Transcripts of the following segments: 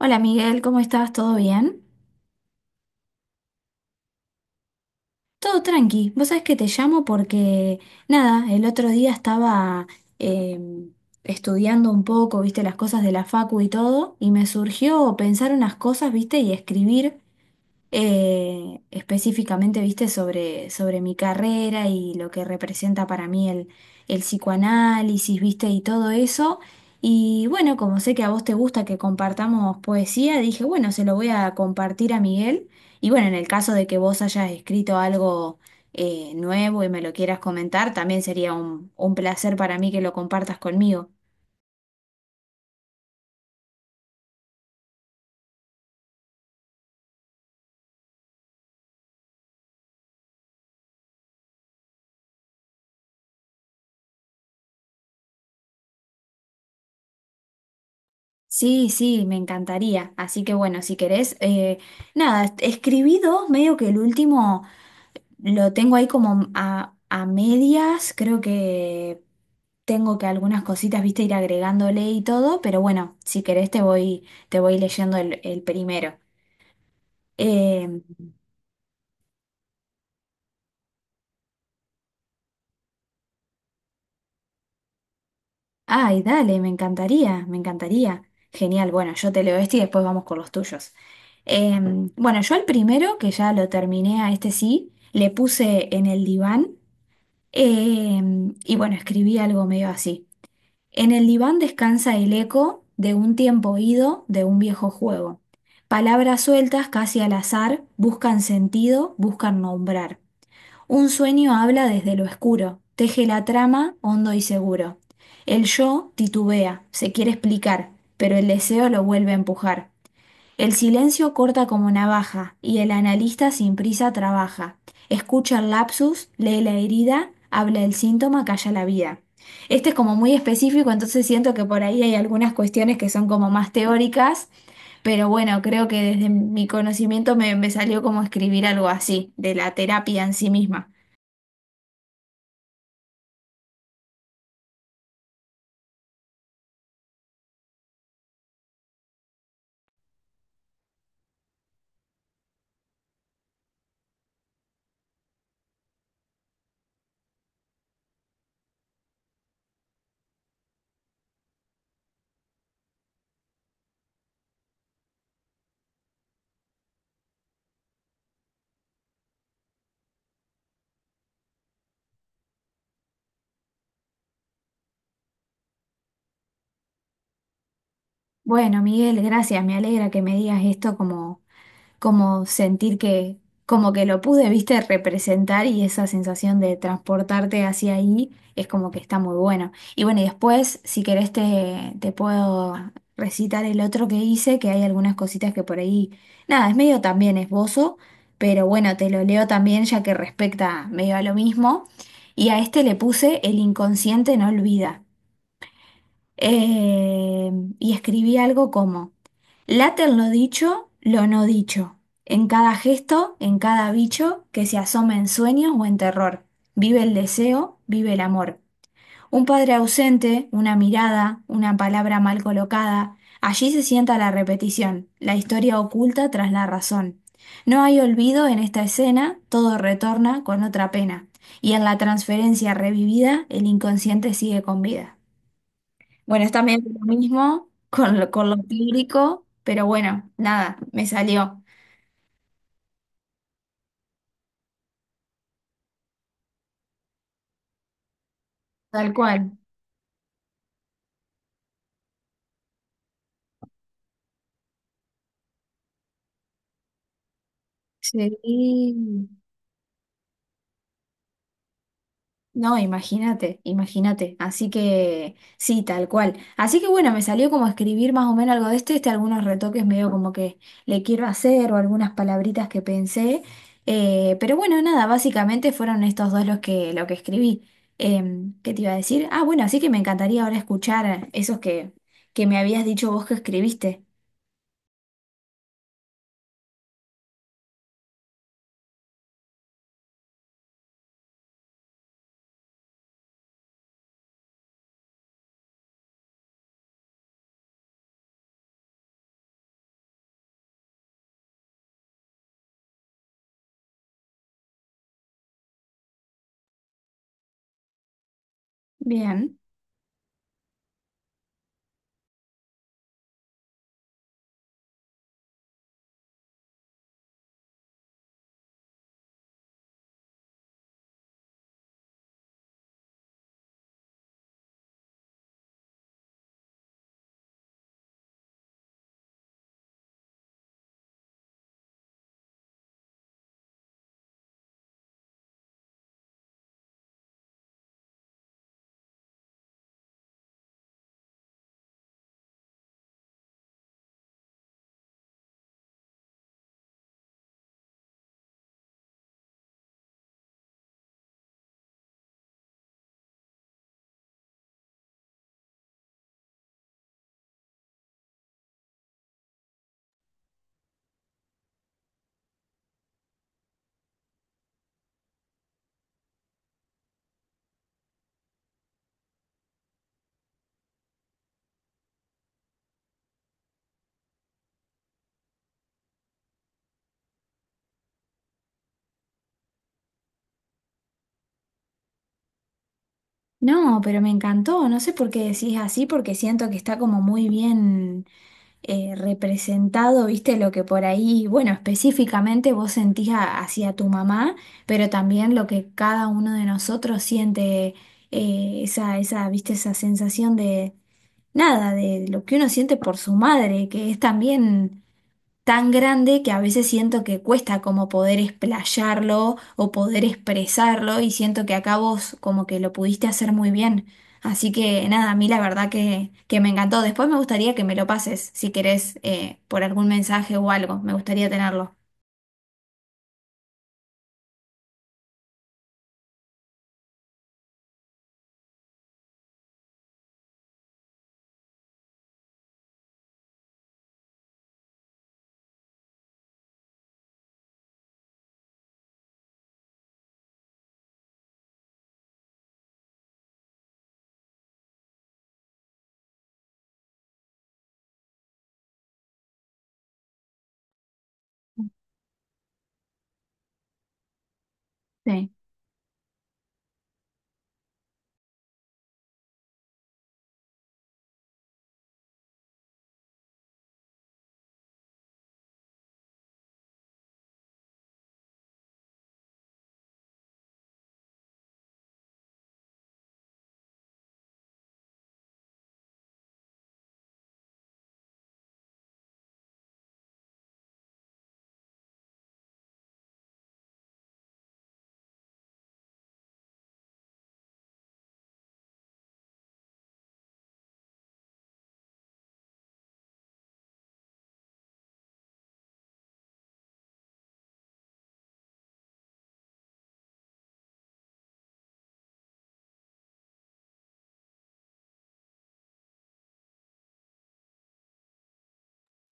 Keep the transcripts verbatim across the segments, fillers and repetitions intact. Hola Miguel, ¿cómo estás? ¿Todo bien? Todo tranqui. Vos sabés que te llamo porque, nada, el otro día estaba eh, estudiando un poco, viste, las cosas de la facu y todo, y me surgió pensar unas cosas, viste, y escribir. Eh, específicamente, viste, sobre, sobre mi carrera y lo que representa para mí el, el psicoanálisis, viste, y todo eso. Y bueno, como sé que a vos te gusta que compartamos poesía, dije, bueno, se lo voy a compartir a Miguel. Y bueno, en el caso de que vos hayas escrito algo eh, nuevo y me lo quieras comentar, también sería un, un placer para mí que lo compartas conmigo. Sí, sí, me encantaría. Así que bueno, si querés, eh, nada, escribí dos, medio que el último. Lo tengo ahí como a, a medias, creo que tengo que algunas cositas, viste, ir agregándole y todo, pero bueno, si querés te voy, te voy leyendo el, el primero. Eh, Ay, dale, me encantaría, me encantaría. Genial, bueno, yo te leo este y después vamos con los tuyos. Eh, bueno, yo el primero, que ya lo terminé a este sí, le puse en el diván. Eh, y bueno, escribí algo medio así. En el diván descansa el eco de un tiempo ido, de un viejo juego. Palabras sueltas, casi al azar, buscan sentido, buscan nombrar. Un sueño habla desde lo oscuro, teje la trama hondo y seguro. El yo titubea, se quiere explicar, pero el deseo lo vuelve a empujar. El silencio corta como navaja y el analista sin prisa trabaja. Escucha el lapsus, lee la herida, habla el síntoma, calla la vida. Este es como muy específico, entonces siento que por ahí hay algunas cuestiones que son como más teóricas, pero bueno, creo que desde mi conocimiento me, me salió como escribir algo así, de la terapia en sí misma. Bueno, Miguel, gracias, me alegra que me digas esto, como como sentir que, como que lo pude, viste, representar, y esa sensación de transportarte hacia ahí es como que está muy buena. Y bueno, y después, si querés, te, te puedo recitar el otro que hice, que hay algunas cositas que por ahí, nada, es medio también esbozo, pero bueno, te lo leo también ya que respecta medio a lo mismo. Y a este le puse El inconsciente no olvida. eh, y escribí algo como, late en lo dicho, lo no dicho, en cada gesto, en cada bicho que se asoma en sueños o en terror, vive el deseo, vive el amor. Un padre ausente, una mirada, una palabra mal colocada, allí se sienta la repetición, la historia oculta tras la razón. No hay olvido en esta escena, todo retorna con otra pena, y en la transferencia revivida el inconsciente sigue con vida. Bueno, está medio lo mismo con lo, con lo lírico, pero bueno, nada, me salió tal cual. Sí. No, imagínate, imagínate. Así que sí, tal cual. Así que bueno, me salió como escribir más o menos algo de este, este algunos retoques medio como que le quiero hacer o algunas palabritas que pensé. Eh, pero bueno, nada, básicamente fueron estos dos los que, lo que escribí. Em, ¿qué te iba a decir? Ah, bueno, así que me encantaría ahora escuchar esos que, que me habías dicho vos que escribiste. Bien. No, pero me encantó. No sé por qué decís así, porque siento que está como muy bien eh, representado, viste, lo que por ahí, bueno, específicamente vos sentís a- hacia tu mamá, pero también lo que cada uno de nosotros siente, eh, esa, esa, viste, esa sensación de nada, de lo que uno siente por su madre, que es también tan grande, que a veces siento que cuesta como poder explayarlo o poder expresarlo, y siento que acá vos como que lo pudiste hacer muy bien. Así que nada, a mí la verdad que, que me encantó. Después me gustaría que me lo pases, si querés, eh, por algún mensaje o algo. Me gustaría tenerlo. Sí.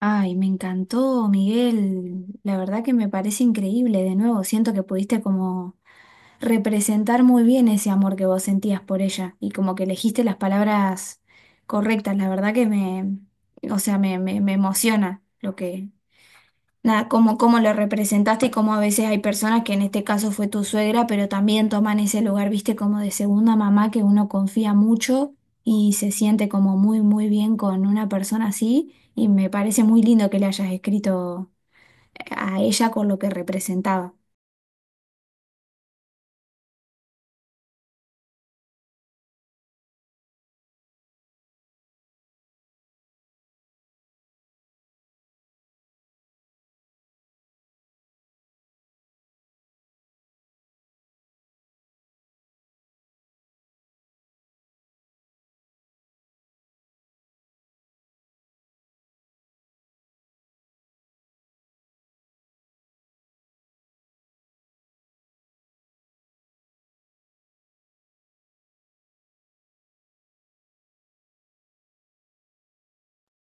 Ay, me encantó, Miguel. La verdad que me parece increíble. De nuevo, siento que pudiste como representar muy bien ese amor que vos sentías por ella y como que elegiste las palabras correctas. La verdad que me, o sea, me, me, me emociona lo que, nada, cómo, cómo lo representaste, y cómo a veces hay personas que en este caso fue tu suegra, pero también toman ese lugar, viste, como de segunda mamá, que uno confía mucho y se siente como muy, muy bien con una persona así. Y me parece muy lindo que le hayas escrito a ella con lo que representaba.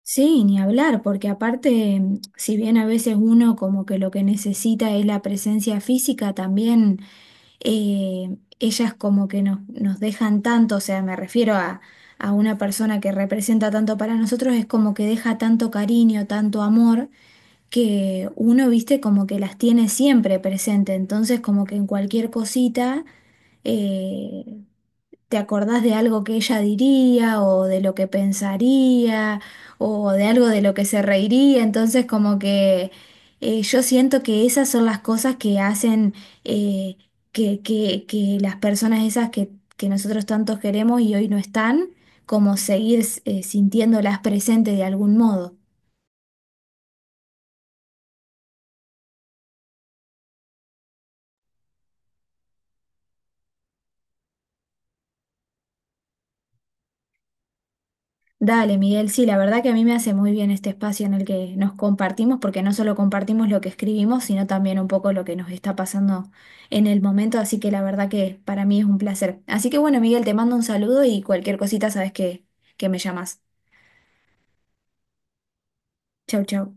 Sí, ni hablar, porque aparte, mm, si bien a veces uno como que lo que necesita es la presencia física, también eh, ellas como que nos, nos dejan tanto, o sea, me refiero a, a una persona que representa tanto para nosotros, es como que deja tanto cariño, tanto amor, que uno, viste, como que las tiene siempre presente, entonces como que en cualquier cosita... eh, ¿Te acordás de algo que ella diría, o de lo que pensaría, o de algo de lo que se reiría? Entonces como que eh, yo siento que esas son las cosas que hacen eh, que, que- que las personas esas que, que nosotros tantos queremos y hoy no están, como seguir eh, sintiéndolas presentes de algún modo. Dale, Miguel, sí, la verdad que a mí me hace muy bien este espacio en el que nos compartimos, porque no solo compartimos lo que escribimos, sino también un poco lo que nos está pasando en el momento, así que la verdad que para mí es un placer. Así que bueno, Miguel, te mando un saludo y cualquier cosita sabes que, que me llamas. Chau, chau.